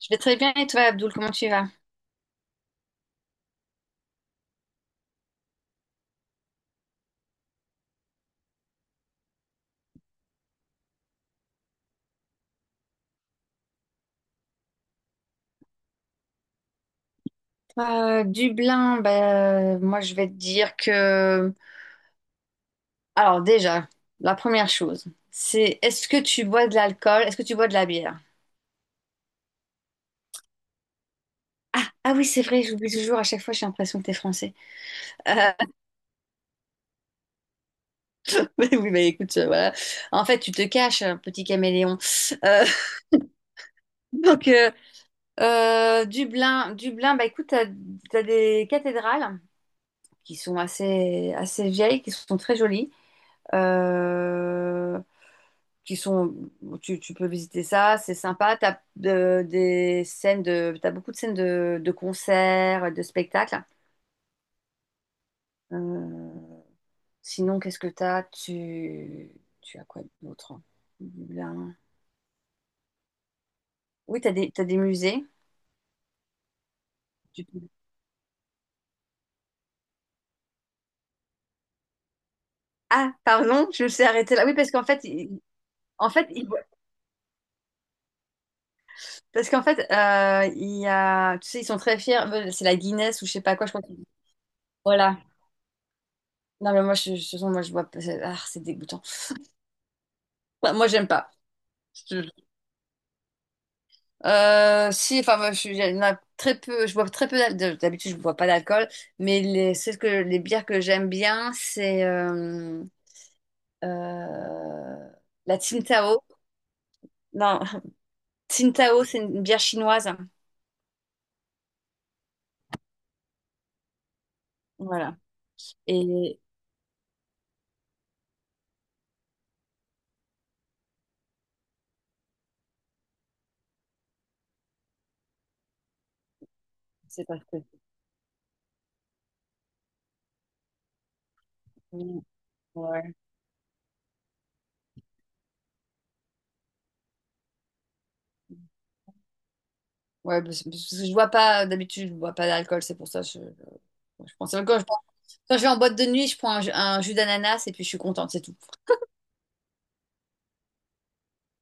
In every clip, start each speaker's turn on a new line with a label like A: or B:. A: Je vais très bien et toi, Abdoul, comment tu vas? Dublin, bah, moi je vais te dire que... Alors déjà, la première chose, c'est est-ce que tu bois de l'alcool? Est-ce que tu bois de la bière? Ah, ah oui, c'est vrai, j'oublie toujours, à chaque fois j'ai l'impression que t'es français. Euh, mais oui, bah écoute, voilà. En fait, tu te caches, petit caméléon. Euh, donc, Dublin, Dublin, bah écoute, t'as, t'as des cathédrales qui sont assez vieilles, qui sont très jolies. Euh, qui sont, tu peux visiter ça, c'est sympa. T'as des scènes t'as beaucoup de scènes de concerts, de spectacles. Euh, sinon, qu'est-ce que t'as? Tu as quoi d'autre? Dublin. Oui, t'as des musées. Tu peux... Ah, pardon, je me suis arrêtée là. Oui, en fait, il- parce qu'en fait, il y a, tu sais, ils sont très fiers. C'est la Guinness ou je sais pas quoi, je crois. Qu'ils... Voilà. Non, mais moi, de toute façon, moi, je vois, ah, c'est dégoûtant. Moi, j'aime pas. Si, enfin, il y en a très peu, je bois très peu d'habitude, je bois pas d'alcool, mais les bières que j'aime bien, c'est euh, la Tsingtao. Non, Tsingtao, c'est une bière chinoise. Voilà. Et c'est pas que. Mm, ouais, parce que je bois pas, d'habitude, je bois pas d'alcool, c'est pour ça que je pense à l'alcool. Je prends... Quand je vais en boîte de nuit, je prends un, ju- un jus d'ananas et puis je suis contente, c'est tout.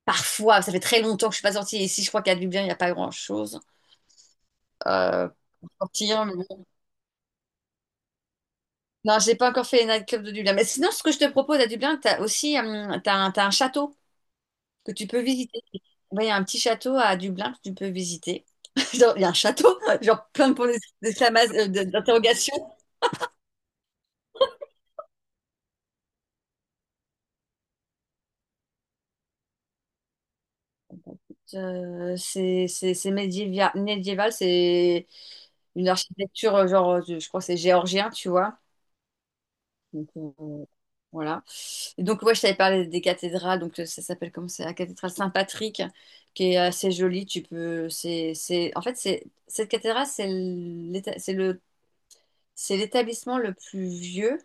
A: Parfois, ça fait très longtemps que je suis pas sortie, et si je crois qu'à Dublin, il n'y a pas grand-chose euh, pour sortir, mais bon. Non, j'ai pas encore fait les nightclubs de Dublin. Mais sinon, ce que je te propose à Dublin, t'as aussi t'as un château que tu peux visiter. Ouais, il y a un petit château à Dublin que tu peux visiter. Genre, il y a un château, genre plein de points d'interrogation. Médiéval, c'est une architecture, je crois que c'est géorgien, tu vois. Donc, voilà. Et donc, ouais, je t'avais parlé des cathédrales. Donc, ça s'appelle comment, c'est la cathédrale Saint-Patrick, qui est assez jolie. Tu peux, c'est, en fait, c'est cette cathédrale, c'est l'établissement le plus vieux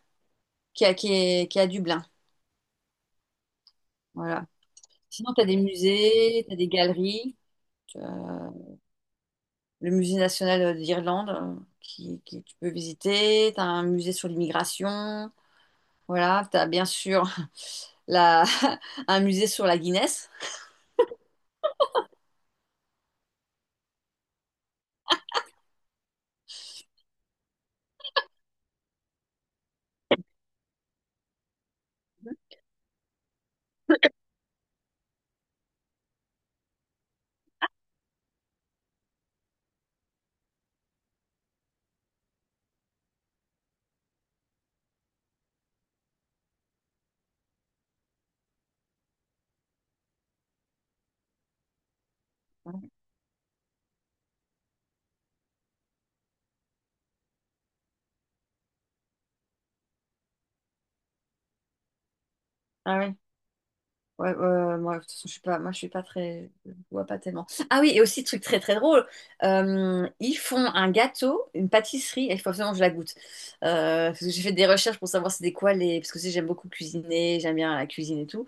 A: qui est à Dublin. Voilà. Sinon, tu as des musées, tu as des galeries. Tu as le musée national d'Irlande qui tu peux visiter. Tu as un musée sur l'immigration. Voilà. Tu as bien sûr la, un musée sur la Guinness. Ah oui. Ouais, ouais, ouais, moi, de toute façon, je suis pas très, je vois pas tellement. Ah oui, et aussi, truc très, très drôle, ils font un gâteau, une pâtisserie, et il faut absolument que je la goûte. Parce que j'ai fait des recherches pour savoir c'était quoi les, parce que aussi, j'aime beaucoup cuisiner, j'aime bien la cuisine et tout,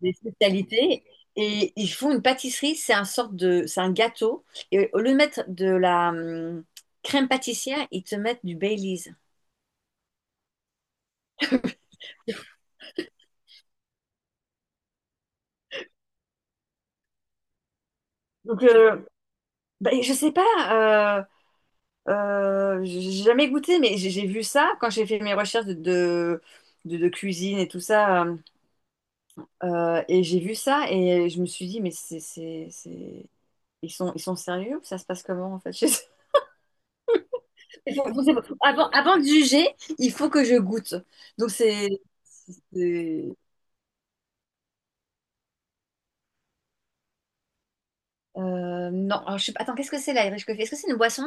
A: les spécialités. Et ils font une pâtisserie, c'est un gâteau, et au lieu de mettre de la crème pâtissière, ils te mettent du Baileys. Donc, bah, je sais pas, j'ai jamais goûté, mais j'ai vu ça quand j'ai fait mes recherches de cuisine et tout ça. Et j'ai vu ça et je me suis dit, c'est... ils sont, ils sont sérieux ou ça se passe comment en fait chez eux. C'est bon. Avant de juger, il faut que je goûte. Donc c'est... c'est... non, alors, je sais pas... Attends, qu'est-ce que c'est l'Irish Coffee? Est-ce que c'est une boisson?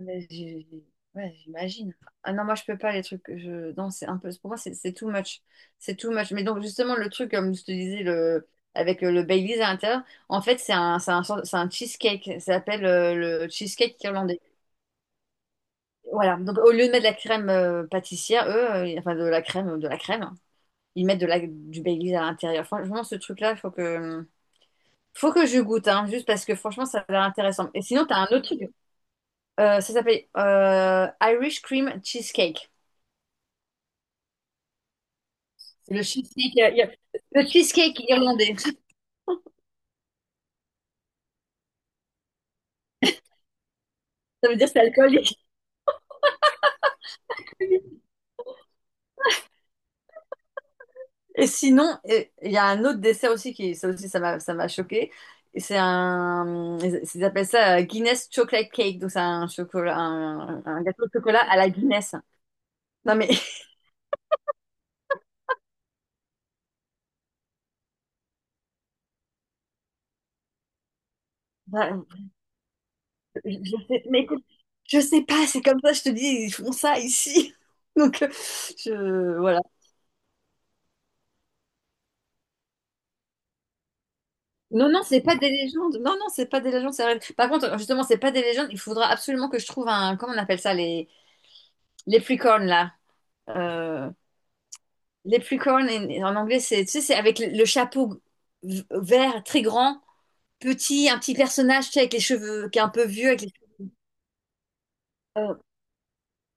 A: Mais j'ai- ouais, j'imagine. Ah non, moi je peux pas les trucs. Que je... Non, c'est un peu. Pour moi, c'est too much. C'est too much. Mais donc, justement, le truc, comme je te disais, le... avec le Baileys à l'intérieur, en fait, c'est un cheesecake. Ça s'appelle le cheesecake irlandais. Voilà. Donc, au lieu de mettre de la crème pâtissière, eux, enfin de la crème, hein, ils mettent de la... du Baileys à l'intérieur. Franchement, ce truc-là, faut que je goûte, hein, juste parce que franchement, ça a l'air intéressant. Et sinon, tu as un autre truc. Ça s'appelle Irish Cream Cheesecake. C'est Le cheesecake, il le cheesecake irlandais. Ça veut dire c'est alcoolique. Et sinon, il y a un autre dessert aussi qui, ça m'a choqué. Ils ils appellent ça Guinness Chocolate Cake, donc c'est un chocolat, un gâteau de chocolat à la Guinness. Non mais, bah, je sais, mais écoute, je sais pas, c'est comme ça, je te dis, ils font ça ici. Donc, voilà. Non, non, c'est pas des légendes. Non, non, c'est pas des légendes, c'est vrai. Par contre, justement, c'est pas des légendes. Il faudra absolument que je trouve un, comment on appelle ça, les Leprechaun, là. Euh, Leprechaun, en en anglais, c'est, tu sais, c'est avec le chapeau vert très grand, petit, un petit personnage, tu sais, avec les cheveux, qui est un peu vieux. Avec les... cheveux- euh,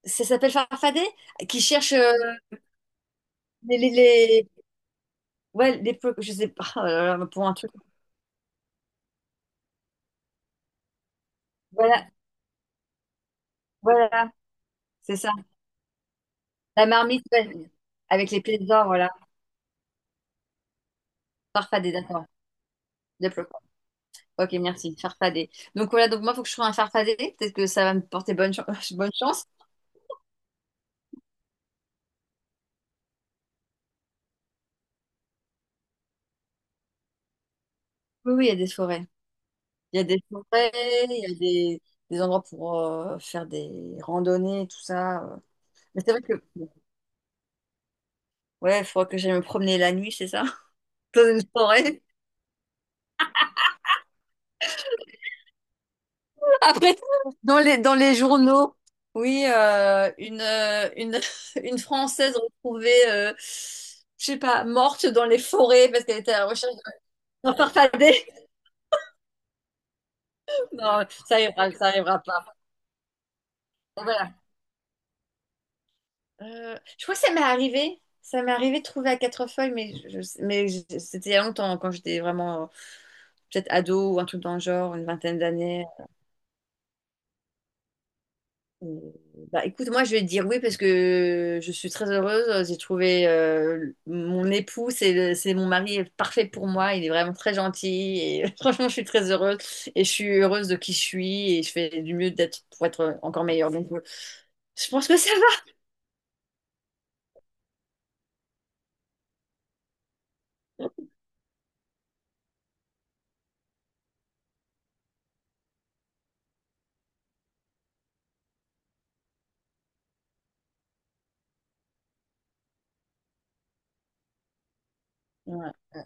A: ça s'appelle Farfadet, qui cherche les, les, les- ouais, les... je sais pas, oh là là, pour un truc. Voilà, voilà, c'est ça. La marmite, ouais, avec les pièces d'or, voilà. Farfadet, d'accord. Leprechaun. Ok, merci. Farfadet. Donc voilà, donc moi, il faut que je trouve un farfadet. Peut-être que ça va me porter bonne chance. Oui, oui, il y a des forêts. Il y a des forêts, il y a des endroits pour faire des randonnées, tout ça. Mais c'est vrai que, bon, ouais, il faudra que j'aille me promener la nuit, c'est ça? Dans une forêt. Après, dans les journaux, oui, une Française retrouvée, je sais pas, morte dans les forêts parce qu'elle était à la recherche de farfadet. Non, ça arrivera pas. Voilà. Je crois que ça m'est arrivé. Ça m'est arrivé de trouver à quatre feuilles, c'était il y a longtemps, quand j'étais vraiment peut-être ado ou un truc dans le genre, une vingtaine d'années. Euh, Bah, écoute, moi je vais te dire oui parce que je suis très heureuse. J'ai trouvé mon époux, c'est mon mari est parfait pour moi. Il est vraiment très gentil et franchement, je suis très heureuse et je suis heureuse de qui je suis et je fais du mieux d'être pour être encore meilleure. Donc, je pense que ça va. Ouais, ouais,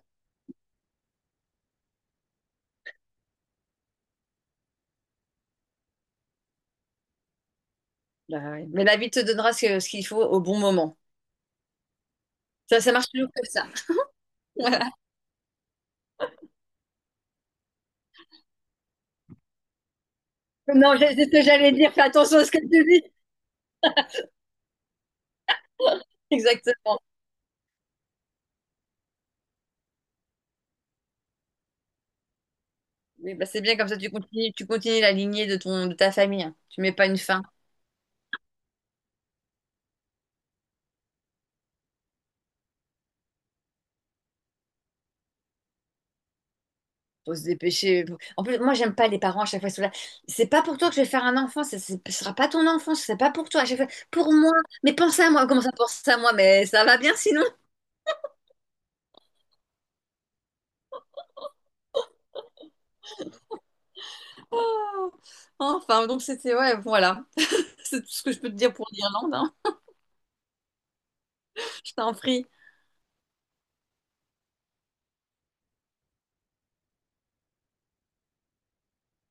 A: bah ouais. Mais la vie te donnera ce qu'il faut au bon moment. Ça marche toujours comme ça. Voilà. Non, c'est ce que j'allais dire. Fais attention à ce que tu dis. Exactement. Mais bah, c'est bien comme ça, tu continues la lignée de ton, de ta famille, hein. Tu mets pas une fin. Faut se dépêcher. En plus, moi, j'aime pas les parents, à chaque fois ils sont là, c'est pas pour toi que je vais faire un enfant. Ce sera pas ton enfant. C'est pas pour toi. À chaque fois, pour moi. Mais pense à moi. Comment ça pense à moi? Mais ça va bien sinon. Oh. Enfin, donc c'était ouais, voilà. C'est tout ce que je peux te dire pour l'Irlande, hein. Je t'en prie.